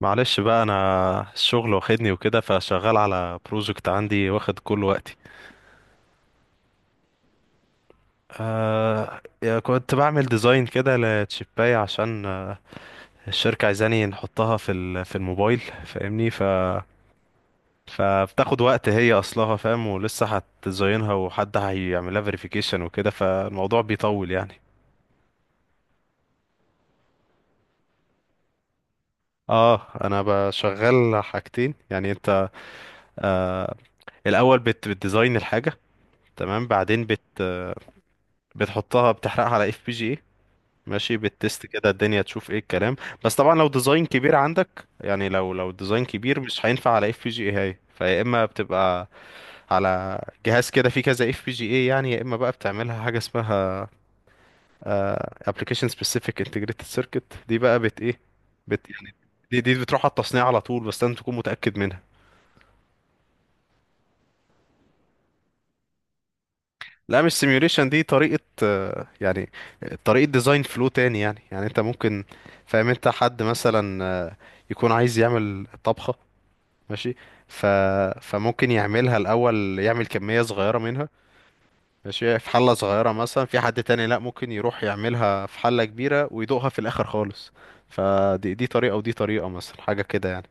معلش بقى، انا الشغل واخدني وكده. فشغال على بروجكت عندي واخد كل وقتي. آه يا كنت بعمل ديزاين كده لتشيباية عشان الشركة عايزاني نحطها في الموبايل فاهمني. فبتاخد وقت، هي اصلها فاهم، ولسه هتديزاينها وحد هيعملها فيريفيكيشن وكده، فالموضوع بيطول يعني. اه انا بشغل حاجتين يعني. انت آه الاول بتديزاين الحاجة، تمام؟ بعدين بتحطها، بتحرقها على اف بي جي، ماشي، بالتست كده الدنيا تشوف ايه الكلام. بس طبعا لو ديزاين كبير عندك، يعني لو ديزاين كبير مش هينفع على اف بي جي اي، هاي فيا اما بتبقى على جهاز كده فيه كذا اف بي جي اي. يعني يا اما بقى بتعملها حاجه اسمها ابلكيشن سبيسيفيك انتجريتد سيركت، دي بقى بت ايه بت يعني دي بتروح على التصنيع على طول، بس لازم تكون متاكد منها. لا مش سيميوليشن، دي طريقه، يعني طريقه ديزاين فلو تاني يعني. يعني انت ممكن، فاهم؟ انت حد مثلا يكون عايز يعمل طبخه، ماشي، ف... فممكن يعملها الاول، يعمل كميه صغيره منها، ماشي، في حله صغيره مثلا. في حد تاني لا، ممكن يروح يعملها في حله كبيره ويدوقها في الاخر خالص. فدي طريقه ودي طريقه، مثلا حاجه كده يعني.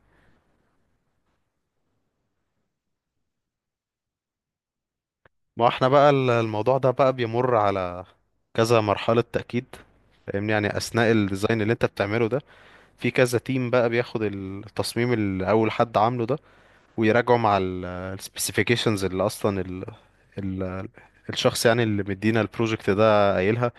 ما احنا بقى الموضوع ده بقى بيمر على كذا مرحله تاكيد، فاهمني؟ يعني اثناء الديزاين اللي انت بتعمله ده، في كذا تيم بقى بياخد التصميم اللي اول حد عامله ده، ويراجعوا مع السبيسيفيكيشنز اللي اصلا ال ال الشخص يعني اللي مدينا البروجكت ده قايلها.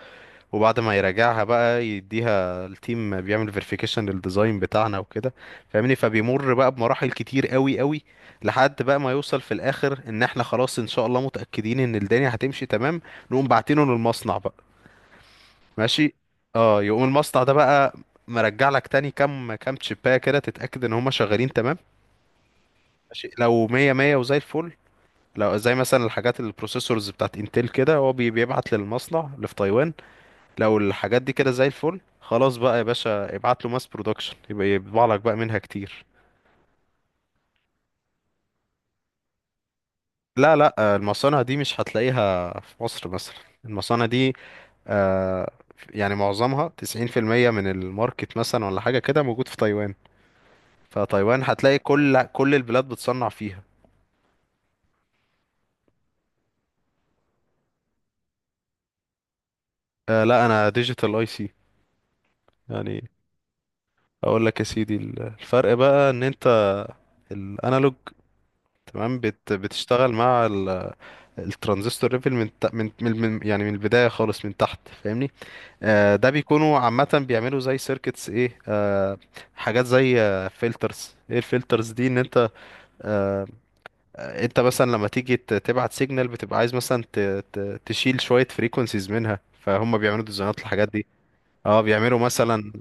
وبعد ما يراجعها بقى يديها التيم، بيعمل فيريفيكيشن للديزاين بتاعنا وكده. فاهمني؟ فبيمر بقى بمراحل كتير قوي، لحد بقى ما يوصل في الاخر ان احنا خلاص ان شاء الله متأكدين ان الدنيا هتمشي تمام، نقوم باعتينه للمصنع بقى، ماشي. اه يقوم المصنع ده بقى مرجع لك تاني كام تشيبايه كده، تتأكد ان هما شغالين تمام، ماشي. لو مية مية وزي الفل، لو زي مثلا الحاجات البروسيسورز بتاعت انتل كده، هو بيبعت للمصنع اللي في تايوان. لو الحاجات دي كده زي الفل خلاص، بقى يا باشا ابعت له ماس برودكشن، يبقى يطبع لك بقى منها كتير. لا لا، المصانع دي مش هتلاقيها في مصر مثلا. المصانع دي آه، يعني معظمها 90% من الماركت مثلا ولا حاجة كده، موجود في تايوان. فتايوان هتلاقي كل البلاد بتصنع فيها. لا انا ديجيتال اي سي يعني. اقول لك يا سيدي، الفرق بقى ان انت الانالوج، تمام؟ بتشتغل مع الترانزستور ليفل يعني من البدايه خالص من تحت، فاهمني؟ آه ده بيكونوا عامه بيعملوا زي سيركتس ايه. حاجات زي فلترز ايه. الفلترز دي ان انت آه انت مثلا لما تيجي تبعت سيجنال، بتبقى عايز مثلا ت ت تشيل شويه فريكونسيز منها. فهم بيعملوا ديزاينات للحاجات دي. اه بيعملوا مثلا،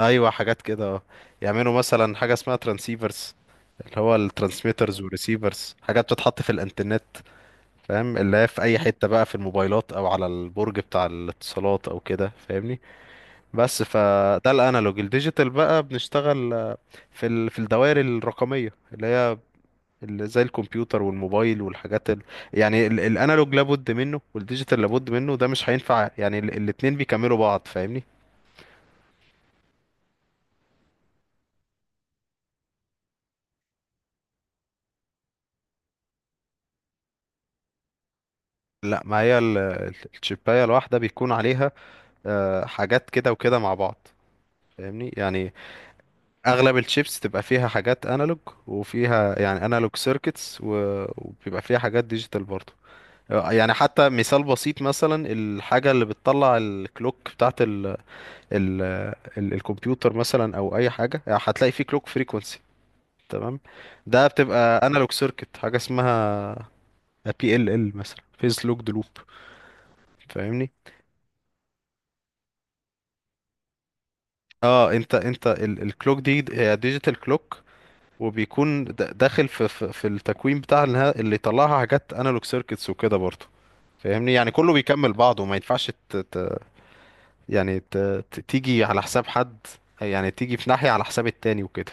ايوه حاجات كده اه. يعملوا مثلا حاجه اسمها ترانسيفرز، اللي هو الترانسميترز والريسيفرز، حاجات بتتحط في الانترنت. فاهم؟ اللي هي في اي حته بقى في الموبايلات او على البرج بتاع الاتصالات او كده، فاهمني؟ بس. فده الانالوج. الديجيتال بقى بنشتغل في في الدوائر الرقميه اللي هي اللي زي الكمبيوتر والموبايل يعني الانالوج لابد منه والديجيتال لابد منه، ده مش هينفع يعني. الاتنين بيكملوا بعض، فاهمني؟ لا ما هي الشيبايه الواحده بيكون عليها حاجات كده وكده مع بعض، فاهمني يعني. اغلب الشيبس تبقى فيها حاجات انالوج، وفيها يعني انالوج سيركتس، وبيبقى فيها حاجات ديجيتال برضه يعني. حتى مثال بسيط، مثلا الحاجة اللي بتطلع الكلوك بتاعت ال ال ال الكمبيوتر مثلا او اي حاجة، يعني هتلاقي فيه كلوك فريكونسي، تمام؟ ده بتبقى انالوج سيركت، حاجة اسمها بي ال ال مثلا، فيز لوكد لوب، فاهمني؟ اه انت الكلوك دي هي ديجيتال كلوك، وبيكون داخل في التكوين بتاع اللي يطلعها حاجات انالوج سيركتس وكده برضه، فاهمني؟ يعني كله بيكمل بعضه. ما ينفعش يعني تيجي على حساب حد، يعني تيجي في ناحية على حساب التاني وكده.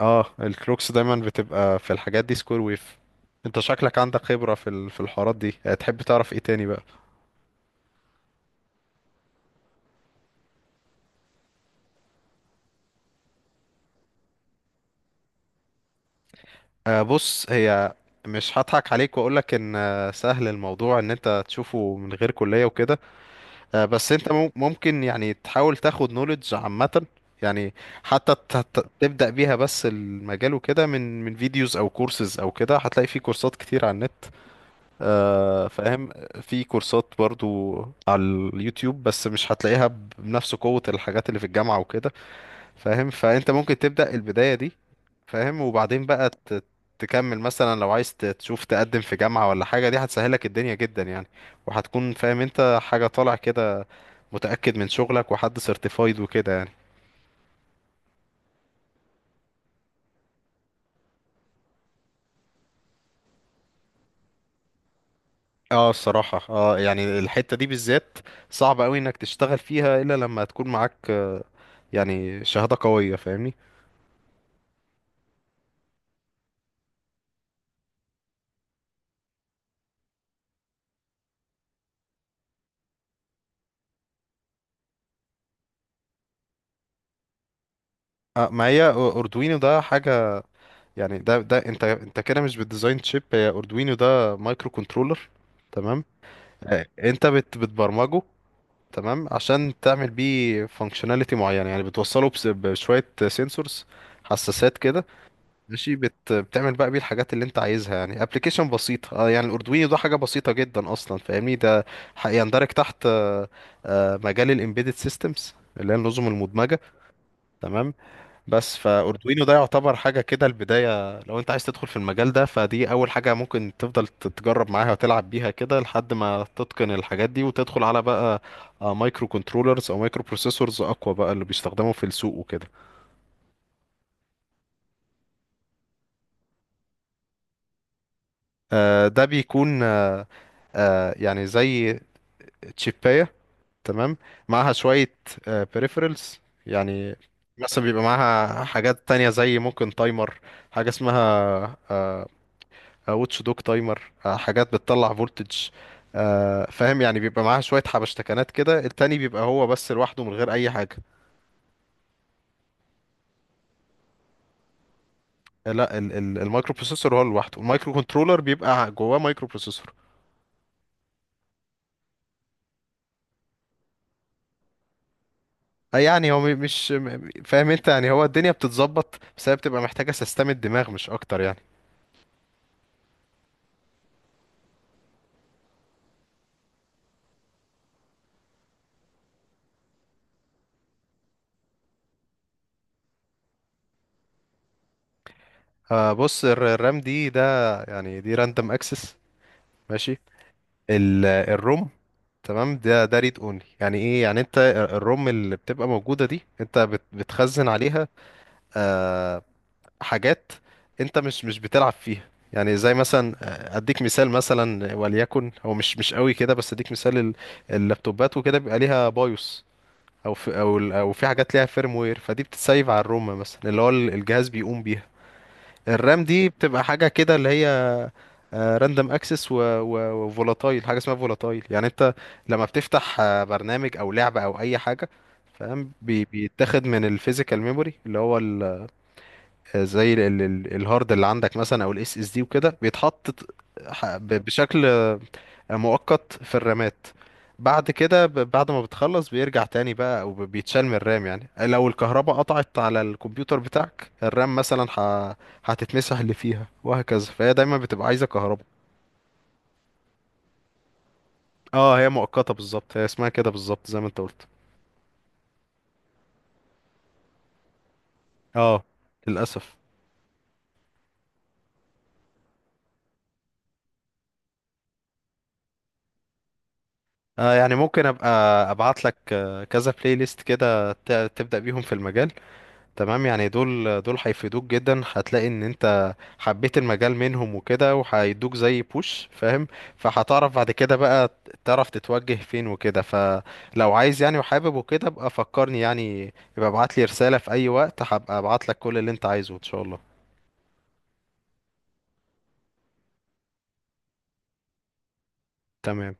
اه الكلوكس دايما بتبقى في الحاجات دي سكوير ويف. انت شكلك عندك خبرة في في الحوارات دي، تحب تعرف ايه تاني بقى؟ بص، هي مش هضحك عليك واقولك ان سهل الموضوع ان انت تشوفه من غير كلية وكده، بس انت ممكن يعني تحاول تاخد نوليدج عامة يعني، حتى تبدأ بيها بس المجال وكده، من فيديوز او كورسز او كده. هتلاقي في كورسات كتير على النت، فاهم. في كورسات برضو على اليوتيوب، بس مش هتلاقيها بنفس قوة الحاجات اللي في الجامعة وكده، فاهم؟ فانت ممكن تبدأ البداية دي، فاهم؟ وبعدين بقى تكمل مثلا لو عايز تشوف تقدم في جامعة ولا حاجة، دي هتسهلك الدنيا جدا يعني. وهتكون فاهم انت حاجة طالع كده، متأكد من شغلك، وحد سيرتيفايد وكده يعني. اه الصراحة اه، يعني الحتة دي بالذات صعب قوي انك تشتغل فيها الا لما تكون معاك يعني شهادة قوية، فاهمني. اه ما هي اردوينو ده حاجة يعني. ده انت كده مش بالديزاين تشيب، هي اردوينو ده مايكرو كنترولر، تمام؟ انت بتبرمجه، تمام، عشان تعمل بيه فانكشناليتي معينه. يعني بتوصله بشويه سنسورز، حساسات كده، ماشي. بتعمل بقى بيه الحاجات اللي انت عايزها، يعني ابلكيشن بسيطه. اه يعني الاردوينو ده حاجه بسيطه جدا اصلا، فاهمني؟ ده يندرج تحت مجال الامبيدد سيستمز، اللي هي النظم المدمجه، تمام. بس فاردوينو ده يعتبر حاجه كده البدايه، لو انت عايز تدخل في المجال ده فدي اول حاجه ممكن تفضل تتجرب معاها وتلعب بيها كده، لحد ما تتقن الحاجات دي وتدخل على بقى مايكرو كنترولرز او مايكرو بروسيسورز اقوى بقى، اللي بيستخدموا في السوق وكده. ده بيكون يعني زي تشيباية، تمام، معاها شوية peripherals يعني. مثلا بيبقى معاها حاجات تانية زي ممكن تايمر، حاجة اسمها آه، واتش دوج تايمر، حاجات بتطلع فولتج، فاهم؟ يعني بيبقى معاها شوية حبشتكنات كده. التاني بيبقى هو بس لوحده من غير أي حاجة. لا، المايكرو بروسيسور هو لوحده، المايكرو كنترولر بيبقى جواه مايكرو بروسيسور. يعني هو مش فاهم انت، يعني هو الدنيا بتتظبط، بس هي بتبقى محتاجة سيستم الدماغ مش أكتر يعني. بص الرام دي، ده يعني دي راندوم اكسس، ماشي. الروم، تمام، ده ريد اونلي. يعني ايه؟ يعني انت الروم اللي بتبقى موجوده دي انت بتخزن عليها آه، حاجات انت مش بتلعب فيها. يعني زي مثلا اديك مثال مثلا، وليكن هو مش قوي كده بس اديك مثال، اللابتوبات وكده بيبقى ليها بايوس، او في او او في حاجات ليها فيرم وير، فدي بتتسيف على الروم مثلا، اللي هو الجهاز بيقوم بيها. الرام دي بتبقى حاجه كده، اللي هي راندوم اكسس وفولاتايل. حاجه اسمها فولاتايل، يعني انت لما بتفتح برنامج او لعبه او اي حاجه، فاهم؟ بيتاخد من الفيزيكال ميموري، اللي هو زي الهارد اللي عندك مثلا او الاس اس دي وكده، بيتحط بشكل مؤقت في الرامات. بعد كده بعد ما بتخلص بيرجع تاني بقى، او بيتشال من الرام. يعني لو الكهرباء قطعت على الكمبيوتر بتاعك، الرام مثلا هتتمسح اللي فيها، وهكذا. فهي دايما بتبقى عايزة كهرباء. اه هي مؤقتة بالظبط، هي اسمها كده بالظبط زي ما انت قلت. اه، للأسف. آه يعني ممكن ابقى ابعت لك كذا بلاي ليست كده، تبدأ بيهم في المجال، تمام. يعني دول هيفيدوك جدا، هتلاقي ان انت حبيت المجال منهم وكده، وهيدوك زي بوش، فاهم؟ فهتعرف بعد كده بقى تعرف تتوجه فين وكده. فلو عايز يعني وحابب وكده ابقى فكرني يعني، يبقى ابعت لي رسالة في اي وقت، هبقى ابعت لك كل اللي انت عايزه ان شاء الله. تمام.